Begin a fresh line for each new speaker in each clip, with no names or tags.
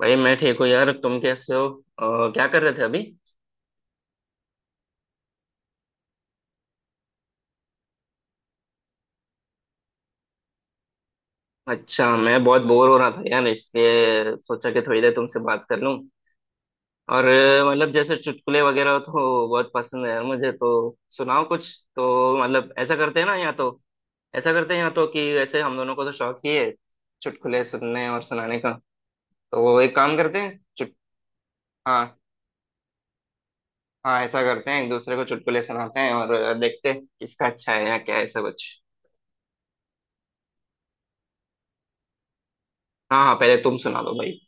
भाई मैं ठीक हूँ यार। तुम कैसे हो? क्या कर रहे थे अभी? अच्छा, मैं बहुत बोर हो रहा था यार, इसलिए सोचा कि थोड़ी देर तुमसे बात कर लूँ। और मतलब जैसे चुटकुले वगैरह तो बहुत पसंद है यार मुझे, तो सुनाओ कुछ। तो मतलब ऐसा करते हैं ना, या तो ऐसा करते हैं, या तो कि वैसे हम दोनों को तो शौक ही है चुटकुले सुनने और सुनाने का। तो वो एक काम करते हैं चुट हाँ हाँ, ऐसा करते हैं एक दूसरे को चुटकुले सुनाते हैं, और देखते हैं किसका अच्छा है या क्या है, ऐसा कुछ। हाँ हाँ, पहले तुम सुना दो भाई।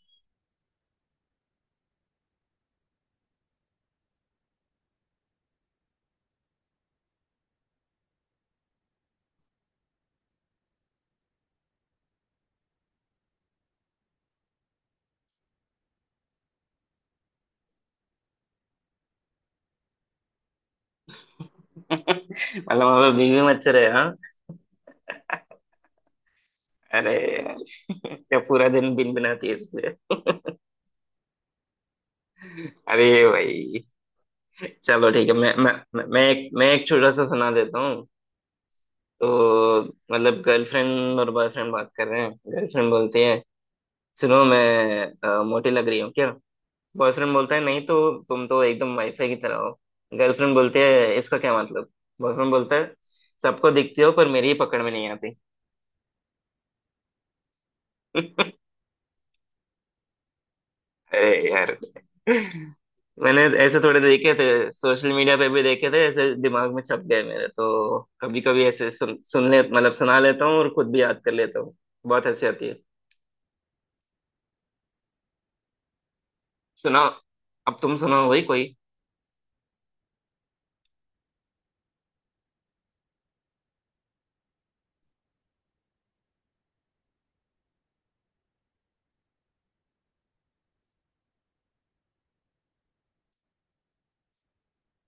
मतलब हमें बीवी मत रहे हैं, हाँ। अरे यार, क्या पूरा दिन बिन बनाती है इसलिए। अरे भाई। चलो ठीक है, मैं एक छोटा सा सुना देता हूँ। तो मतलब गर्लफ्रेंड और बॉयफ्रेंड बात कर रहे हैं। गर्लफ्रेंड बोलती है सुनो, मैं मोटी लग रही हूँ क्या? बॉयफ्रेंड बोलता है नहीं तो, तुम तो एकदम वाईफाई की तरह हो। गर्लफ्रेंड बोलती है इसका क्या मतलब? बॉयफ्रेंड बोलता है सबको दिखती हो, पर मेरी ही पकड़ में नहीं आती। अरे यार, मैंने ऐसे थोड़े देखे थे। सोशल मीडिया पे भी देखे थे, ऐसे दिमाग में छप गए मेरे तो। कभी कभी ऐसे सुन सुन ले, मतलब सुना लेता हूँ, और खुद भी याद कर लेता हूँ। बहुत हंसी आती है। सुनाओ, अब तुम सुनाओ भाई कोई।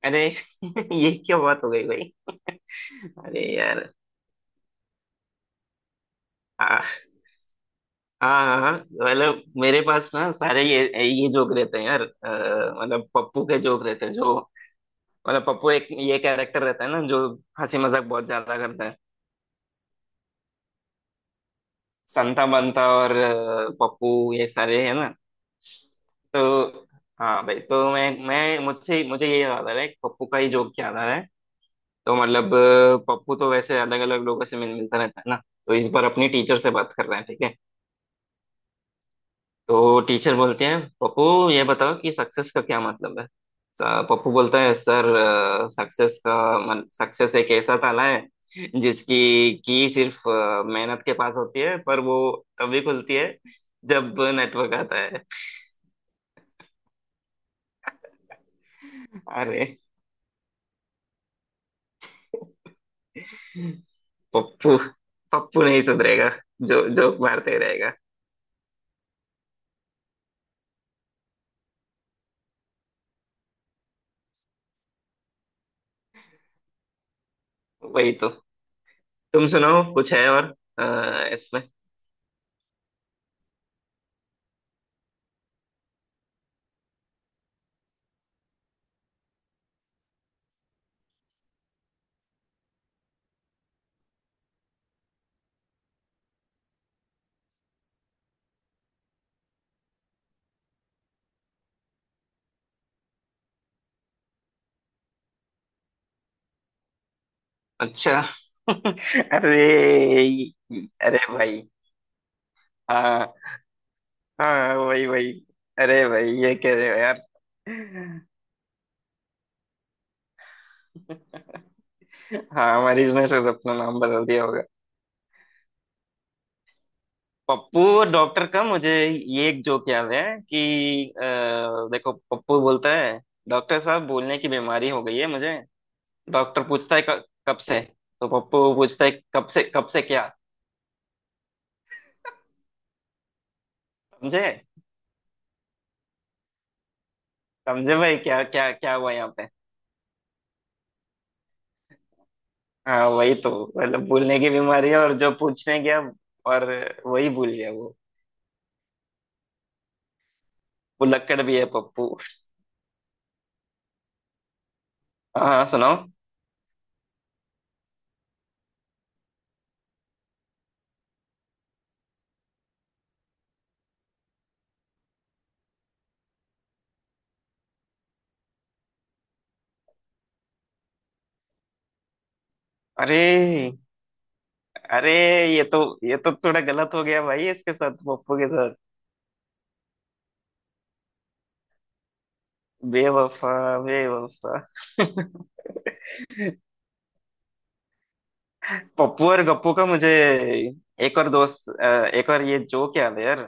अरे ये क्या बात हो गई भाई? अरे यार। हाँ हाँ हाँ हाँ, मतलब मेरे पास ना सारे ये जोक रहते हैं यार। मतलब पप्पू के जोक रहते हैं जो। मतलब पप्पू एक ये कैरेक्टर रहता है ना, जो हंसी मजाक बहुत ज्यादा करता है। संता बंता और पप्पू, ये सारे है ना। तो हाँ भाई, तो मैं मुझसे मुझे ये याद आ रहा है, पप्पू का ही जोक याद आ रहा है। तो मतलब पप्पू तो वैसे अलग अलग लोगों से मिलता रहता है ना। तो इस बार अपनी टीचर से बात कर रहे हैं, ठीक है। तो टीचर बोलते हैं पप्पू, ये बताओ कि सक्सेस का क्या मतलब है। पप्पू बोलता है सर, सक्सेस का मन सक्सेस एक ऐसा ताला है जिसकी की सिर्फ मेहनत के पास होती है, पर वो तभी खुलती है जब नेटवर्क आता है। अरे पप्पू, पप्पू नहीं सुधरेगा, जो जोक मारते ही रहेगा। वही तो। तुम सुनाओ कुछ है और। इसमें अच्छा। अरे। अरे भाई। हाँ हाँ, वही वही। अरे भाई ये कह रहे हो यार? हाँ, मरीज ने शायद अपना नाम बदल दिया होगा। पप्पू और डॉक्टर का मुझे ये एक जोक याद है कि अ, देखो, पप्पू बोलता है डॉक्टर साहब, बोलने की बीमारी हो गई है मुझे। डॉक्टर पूछता है कब से? तो पप्पू पूछता है कब से? कब से क्या? समझे? समझे भाई? क्या क्या क्या हुआ यहाँ पे? हाँ, वही तो। मतलब भूलने की बीमारी है, और जो पूछने गया और वही भूल गया वो। वो लक्कड़ भी है पप्पू। हाँ हाँ, सुनाओ। अरे। अरे, ये तो थोड़ा गलत हो गया भाई, इसके साथ, पप्पू के साथ। बेवफा, बेवफा। पप्पू और गप्पू का मुझे एक और दोस्त एक और ये जोक याद है यार।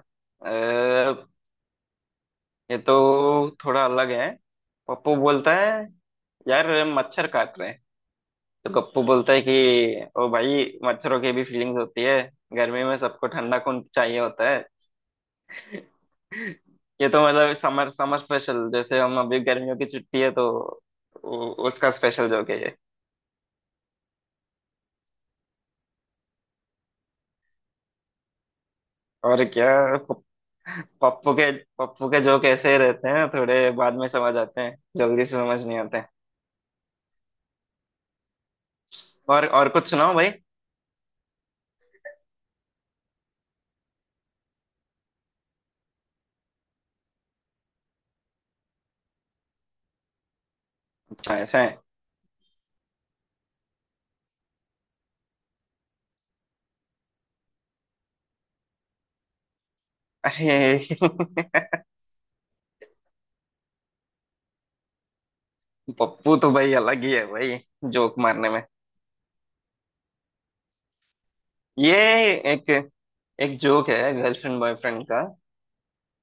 अ, ये तो थोड़ा अलग है। पप्पू बोलता है यार, मच्छर काट रहे हैं। तो गप्पू बोलता है कि ओ भाई, मच्छरों की भी फीलिंग्स होती है, गर्मी में सबको ठंडा खून चाहिए होता है। ये तो मतलब समर समर स्पेशल, जैसे हम अभी गर्मियों की छुट्टी है तो उसका स्पेशल जोक है ये। और क्या। प- पप्पू के पप्पू के जोक ऐसे ही रहते हैं, थोड़े बाद में समझ आते हैं, जल्दी से समझ नहीं आते। और कुछ सुनाओ भाई। अच्छा, ऐसा है? अरे। पप्पू तो भाई अलग ही है भाई, जोक मारने में। ये एक एक जोक है गर्लफ्रेंड बॉयफ्रेंड का।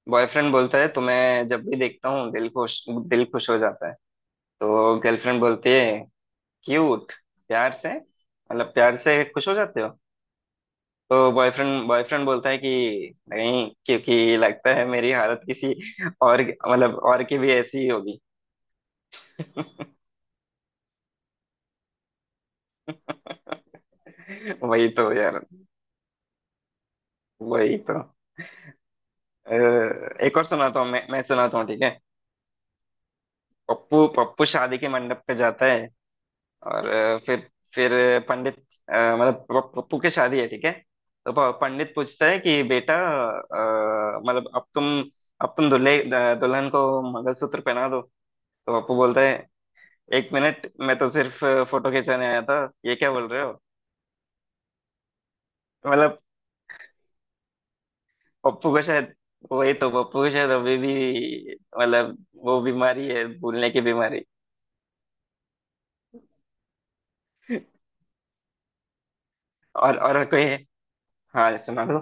बॉयफ्रेंड बोलता है तुम्हें जब भी देखता हूँ दिल खुश, दिल खुश हो जाता है। तो गर्लफ्रेंड बोलती है क्यूट, प्यार से, मतलब प्यार से खुश हो जाते हो। तो बॉयफ्रेंड बॉयफ्रेंड बोलता है कि नहीं, क्योंकि लगता है मेरी हालत किसी और, मतलब और की भी ऐसी ही होगी। वही तो यार। वही तो। अ, एक और सुनाता हूँ, मैं सुनाता हूँ, ठीक है। पप्पू पप्पू शादी के मंडप पे जाता है, और फिर पंडित, मतलब पप्पू की शादी है, ठीक है। तो पंडित पूछता है कि बेटा, मतलब अब तुम दुल्हन को मंगलसूत्र पहना दो। तो पप्पू बोलता है एक मिनट, मैं तो सिर्फ फोटो खिंचाने आया था, ये क्या बोल रहे हो? तो मतलब पप्पू को शायद, वही तो, पप्पू को शायद अभी भी मतलब वो बीमारी है भूलने की बीमारी। और कोई है? हाँ, सुना दो।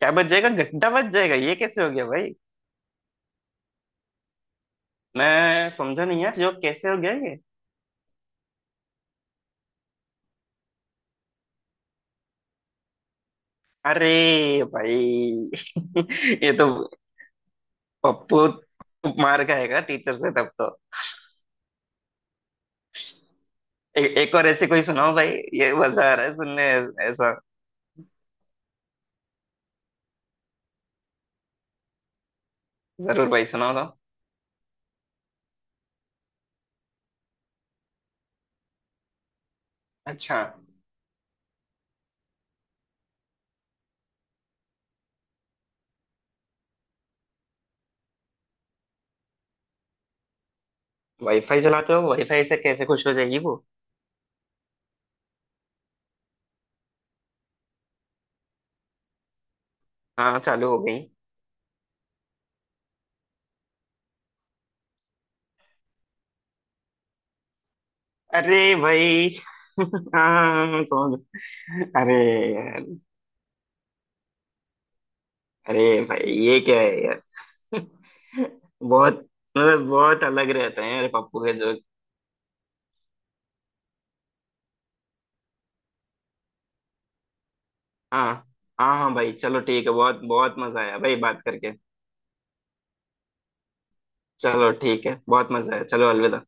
क्या बच जाएगा? घंटा बच जाएगा, ये कैसे हो गया भाई? मैं समझा नहीं यार, जो कैसे हो गया ये। अरे भाई। ये तो पप्पू मार खाएगा टीचर से तब तो। एक और ऐसी कोई सुनाओ भाई, ये मजा आ रहा है सुनने। ऐसा। जरूर भाई, सुनाओ तो। अच्छा। वाईफाई चलाते हो? वाईफाई से कैसे खुश हो जाएगी वो? हाँ, चालू हो गई। अरे भाई। हाँ, समझ। अरे यार। अरे भाई, ये क्या है यार? बहुत, मतलब बहुत अलग रहते हैं यार पप्पू के जोक। हाँ हाँ हाँ भाई, चलो ठीक है, बहुत बहुत मजा आया भाई बात करके। चलो ठीक है, बहुत मजा आया, चलो अलविदा।